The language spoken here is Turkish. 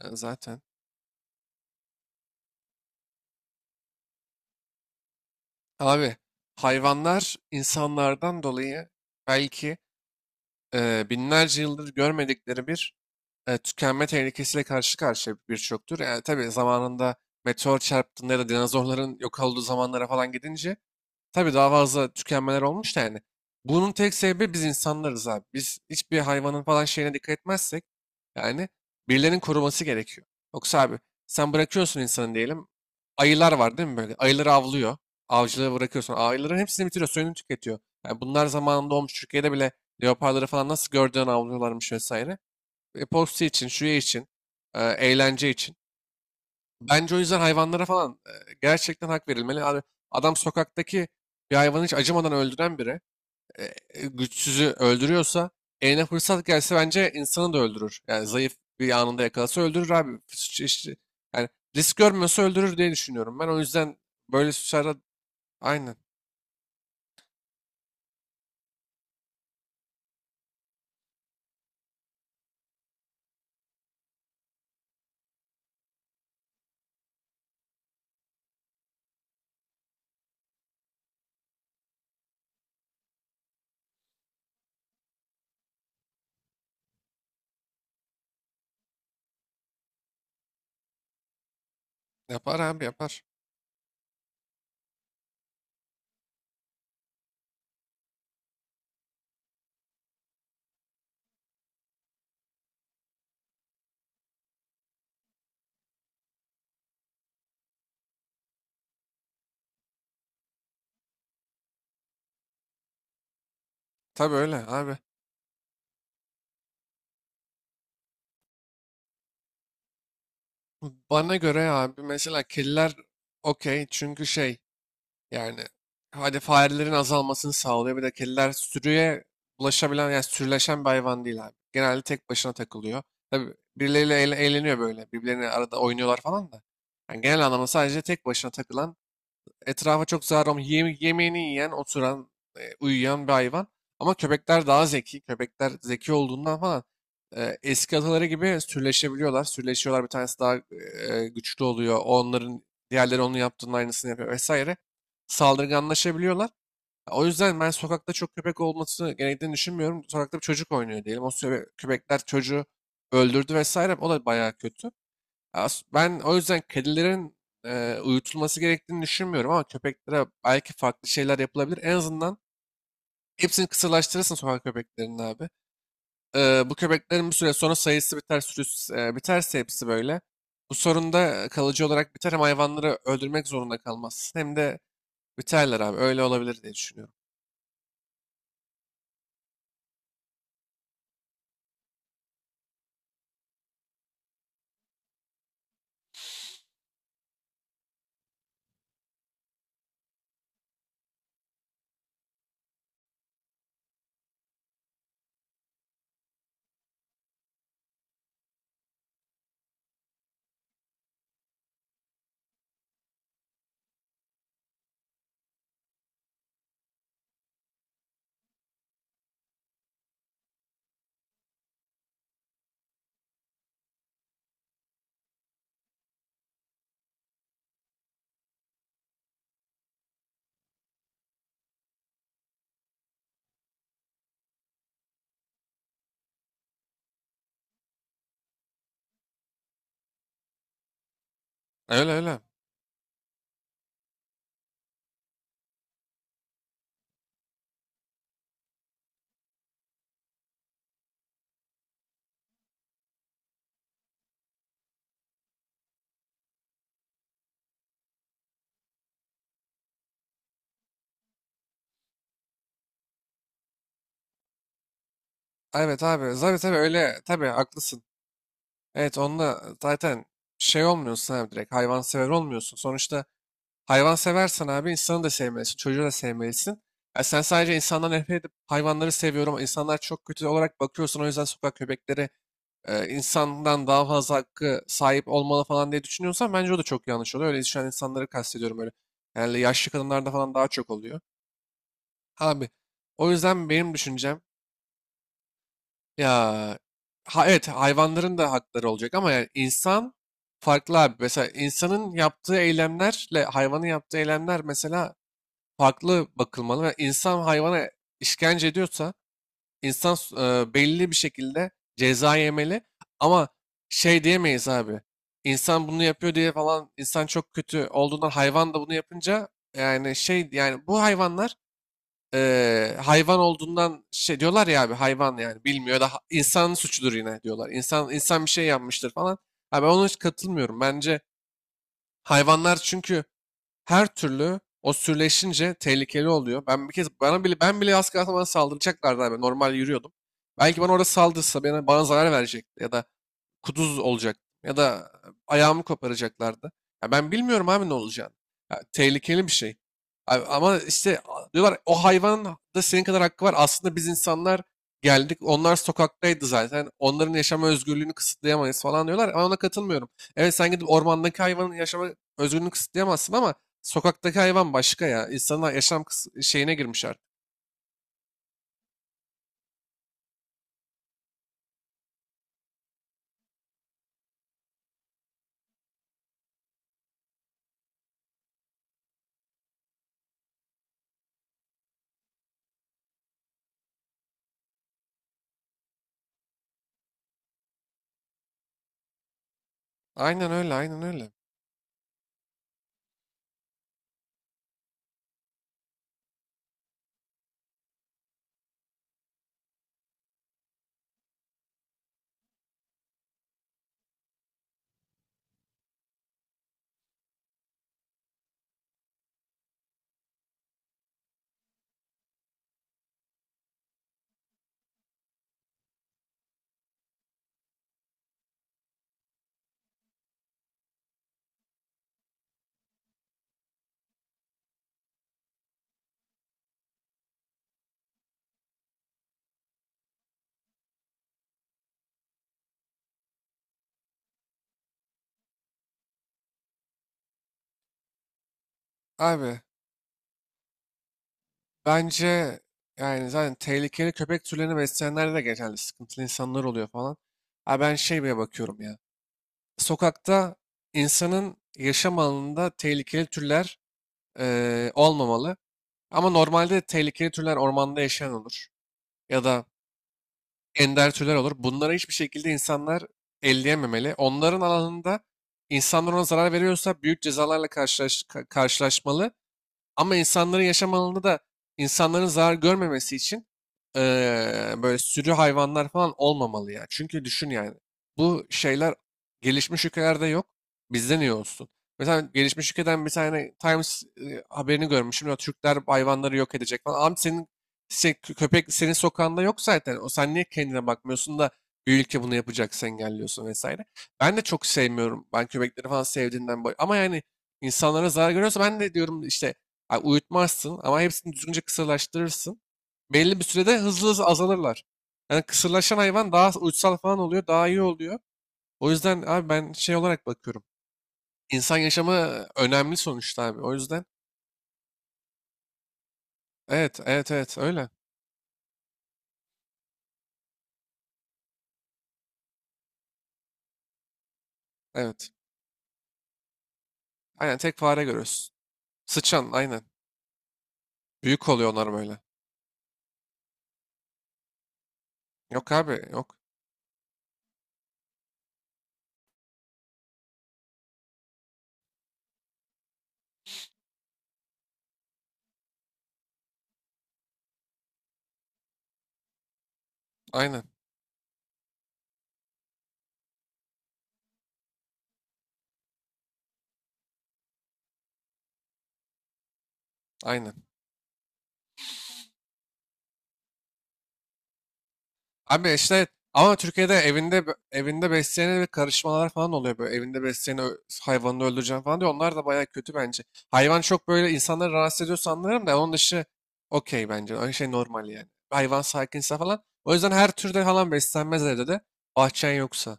Zaten. Abi hayvanlar insanlardan dolayı belki binlerce yıldır görmedikleri bir tükenme tehlikesiyle karşı karşıya birçoktur. Yani tabii zamanında meteor çarptığında ya da dinozorların yok olduğu zamanlara falan gidince tabii daha fazla tükenmeler olmuş da yani. Bunun tek sebebi biz insanlarız abi. Biz hiçbir hayvanın falan şeyine dikkat etmezsek yani birilerinin koruması gerekiyor. Yoksa abi sen bırakıyorsun insanı diyelim. Ayılar var değil mi böyle? Ayıları avlıyor. Avcılığı bırakıyorsun. Ayıların hepsini bitiriyor. Suyunu tüketiyor. Yani bunlar zamanında olmuş. Türkiye'de bile leoparları falan nasıl gördüğün avlıyorlarmış vesaire. Postu için, şuya için, eğlence için. Bence o yüzden hayvanlara falan gerçekten hak verilmeli. Abi, adam sokaktaki bir hayvanı hiç acımadan öldüren biri, e, güçsüzü öldürüyorsa, eline fırsat gelse bence insanı da öldürür. Yani zayıf bir anında yakalasa öldürür abi. Yani risk görmüyorsa öldürür diye düşünüyorum. Ben o yüzden böyle suçlarda aynen yapar abi yapar. Tabii öyle abi. Bana göre abi mesela kediler okey, çünkü şey. Yani hadi farelerin azalmasını sağlıyor. Bir de kediler sürüye bulaşabilen yani sürüleşen bir hayvan değil abi. Genelde tek başına takılıyor. Tabii birileriyle eğleniyor böyle. Birbirlerine arada oynuyorlar falan da. Yani genel anlamda sadece tek başına takılan, etrafa çok zarar olmayan, yemeğini yiyen, oturan, uyuyan bir hayvan. Ama köpekler daha zeki. Köpekler zeki olduğundan falan eski ataları gibi sürleşebiliyorlar. Sürleşiyorlar. Bir tanesi daha güçlü oluyor. Onların diğerleri onun yaptığının aynısını yapıyor vesaire. Saldırganlaşabiliyorlar. O yüzden ben sokakta çok köpek olması gerektiğini düşünmüyorum. Sokakta bir çocuk oynuyor diyelim. Köpekler çocuğu öldürdü vesaire. O da bayağı kötü. Ben o yüzden kedilerin uyutulması gerektiğini düşünmüyorum ama köpeklere belki farklı şeyler yapılabilir. En azından hepsini kısırlaştırırsın sokak köpeklerinin abi. Bu köpeklerin bir süre sonra sayısı biter, sürüsü biterse hepsi böyle. Bu sorun da kalıcı olarak biter, hem hayvanları öldürmek zorunda kalmazsın hem de biterler abi. Öyle olabilir diye düşünüyorum. Öyle öyle. Evet abi. Tabii tabii öyle. Tabii haklısın. Evet, onunla zaten şey olmuyorsun abi, direkt hayvansever olmuyorsun. Sonuçta hayvan seversen abi insanı da sevmelisin, çocuğu da sevmelisin. Ya sen sadece insandan nefret edip hayvanları seviyorum ama insanlar çok kötü olarak bakıyorsun, o yüzden sokak köpekleri insandan daha fazla hakkı sahip olmalı falan diye düşünüyorsan bence o da çok yanlış oluyor. Öyle düşünen insanları kastediyorum öyle. Yani yaşlı kadınlarda falan daha çok oluyor. Abi o yüzden benim düşüncem ya, ha, evet hayvanların da hakları olacak ama yani insan farklı abi. Mesela insanın yaptığı eylemlerle hayvanın yaptığı eylemler mesela farklı bakılmalı ve insan hayvana işkence ediyorsa belli bir şekilde ceza yemeli ama şey diyemeyiz abi. İnsan bunu yapıyor diye falan, insan çok kötü olduğundan hayvan da bunu yapınca yani şey, yani bu hayvanlar hayvan olduğundan şey diyorlar ya abi, hayvan yani bilmiyor da insanın suçudur yine diyorlar. İnsan bir şey yapmıştır falan. Abi ben ona hiç katılmıyorum. Bence hayvanlar çünkü her türlü o sürleşince tehlikeli oluyor. Ben bir kez bana bile ben bile az kalsın bana saldıracaklardı abi. Normal yürüyordum. Belki bana orada saldırsa, bana zarar verecekti ya da kuduz olacak ya da ayağımı koparacaklardı. Ya ben bilmiyorum abi ne olacağını. Ya tehlikeli bir şey. Abi ama işte diyorlar o hayvanın da senin kadar hakkı var. Aslında biz insanlar geldik. Onlar sokaktaydı zaten. Onların yaşama özgürlüğünü kısıtlayamayız falan diyorlar. Ama ona katılmıyorum. Evet, sen gidip ormandaki hayvanın yaşama özgürlüğünü kısıtlayamazsın ama sokaktaki hayvan başka ya. İnsanın şeyine girmiş artık. Aynen öyle, aynen öyle. Abi, bence yani zaten tehlikeli köpek türlerini besleyenlerde de genelde sıkıntılı insanlar oluyor falan. Ha, ben şey bile bakıyorum ya. Sokakta, insanın yaşam alanında tehlikeli türler olmamalı. Ama normalde de tehlikeli türler ormanda yaşayan olur. Ya da ender türler olur. Bunlara hiçbir şekilde insanlar elleyememeli. Onların alanında insanlar ona zarar veriyorsa büyük cezalarla karşılaşmalı. Ama insanların yaşam alanında da insanların zarar görmemesi için böyle sürü hayvanlar falan olmamalı ya. Çünkü düşün yani bu şeyler gelişmiş ülkelerde yok. Bizde niye olsun? Mesela gelişmiş ülkeden bir tane Times haberini görmüşüm. Ya Türkler hayvanları yok edecek falan. Abi senin köpek senin sokağında yok zaten. O sen niye kendine bakmıyorsun da bir ülke bunu yapacaksa engelliyorsun vesaire. Ben de çok sevmiyorum. Ben köpekleri falan sevdiğimden. Ama yani insanlara zarar görüyorsa ben de diyorum işte, ay, uyutmazsın ama hepsini düzgünce kısırlaştırırsın. Belli bir sürede hızlı hızlı azalırlar. Yani kısırlaşan hayvan daha uysal falan oluyor, daha iyi oluyor. O yüzden abi ben şey olarak bakıyorum. İnsan yaşamı önemli sonuçta abi. O yüzden evet, evet, evet öyle. Evet. Aynen, tek fare görüyorsun. Sıçan aynen. Büyük oluyor onlar böyle. Yok abi yok. Aynen. Aynen. Abi işte ama Türkiye'de evinde besleyene bir karışmalar falan oluyor böyle. Evinde besleyene hayvanını öldüreceğim falan diyor. Onlar da bayağı kötü bence. Hayvan çok böyle insanları rahatsız ediyorsa anlarım da onun dışı okey bence. Öyle şey normal yani. Hayvan sakinse falan. O yüzden her türde falan beslenmez evde de. Bahçen yoksa.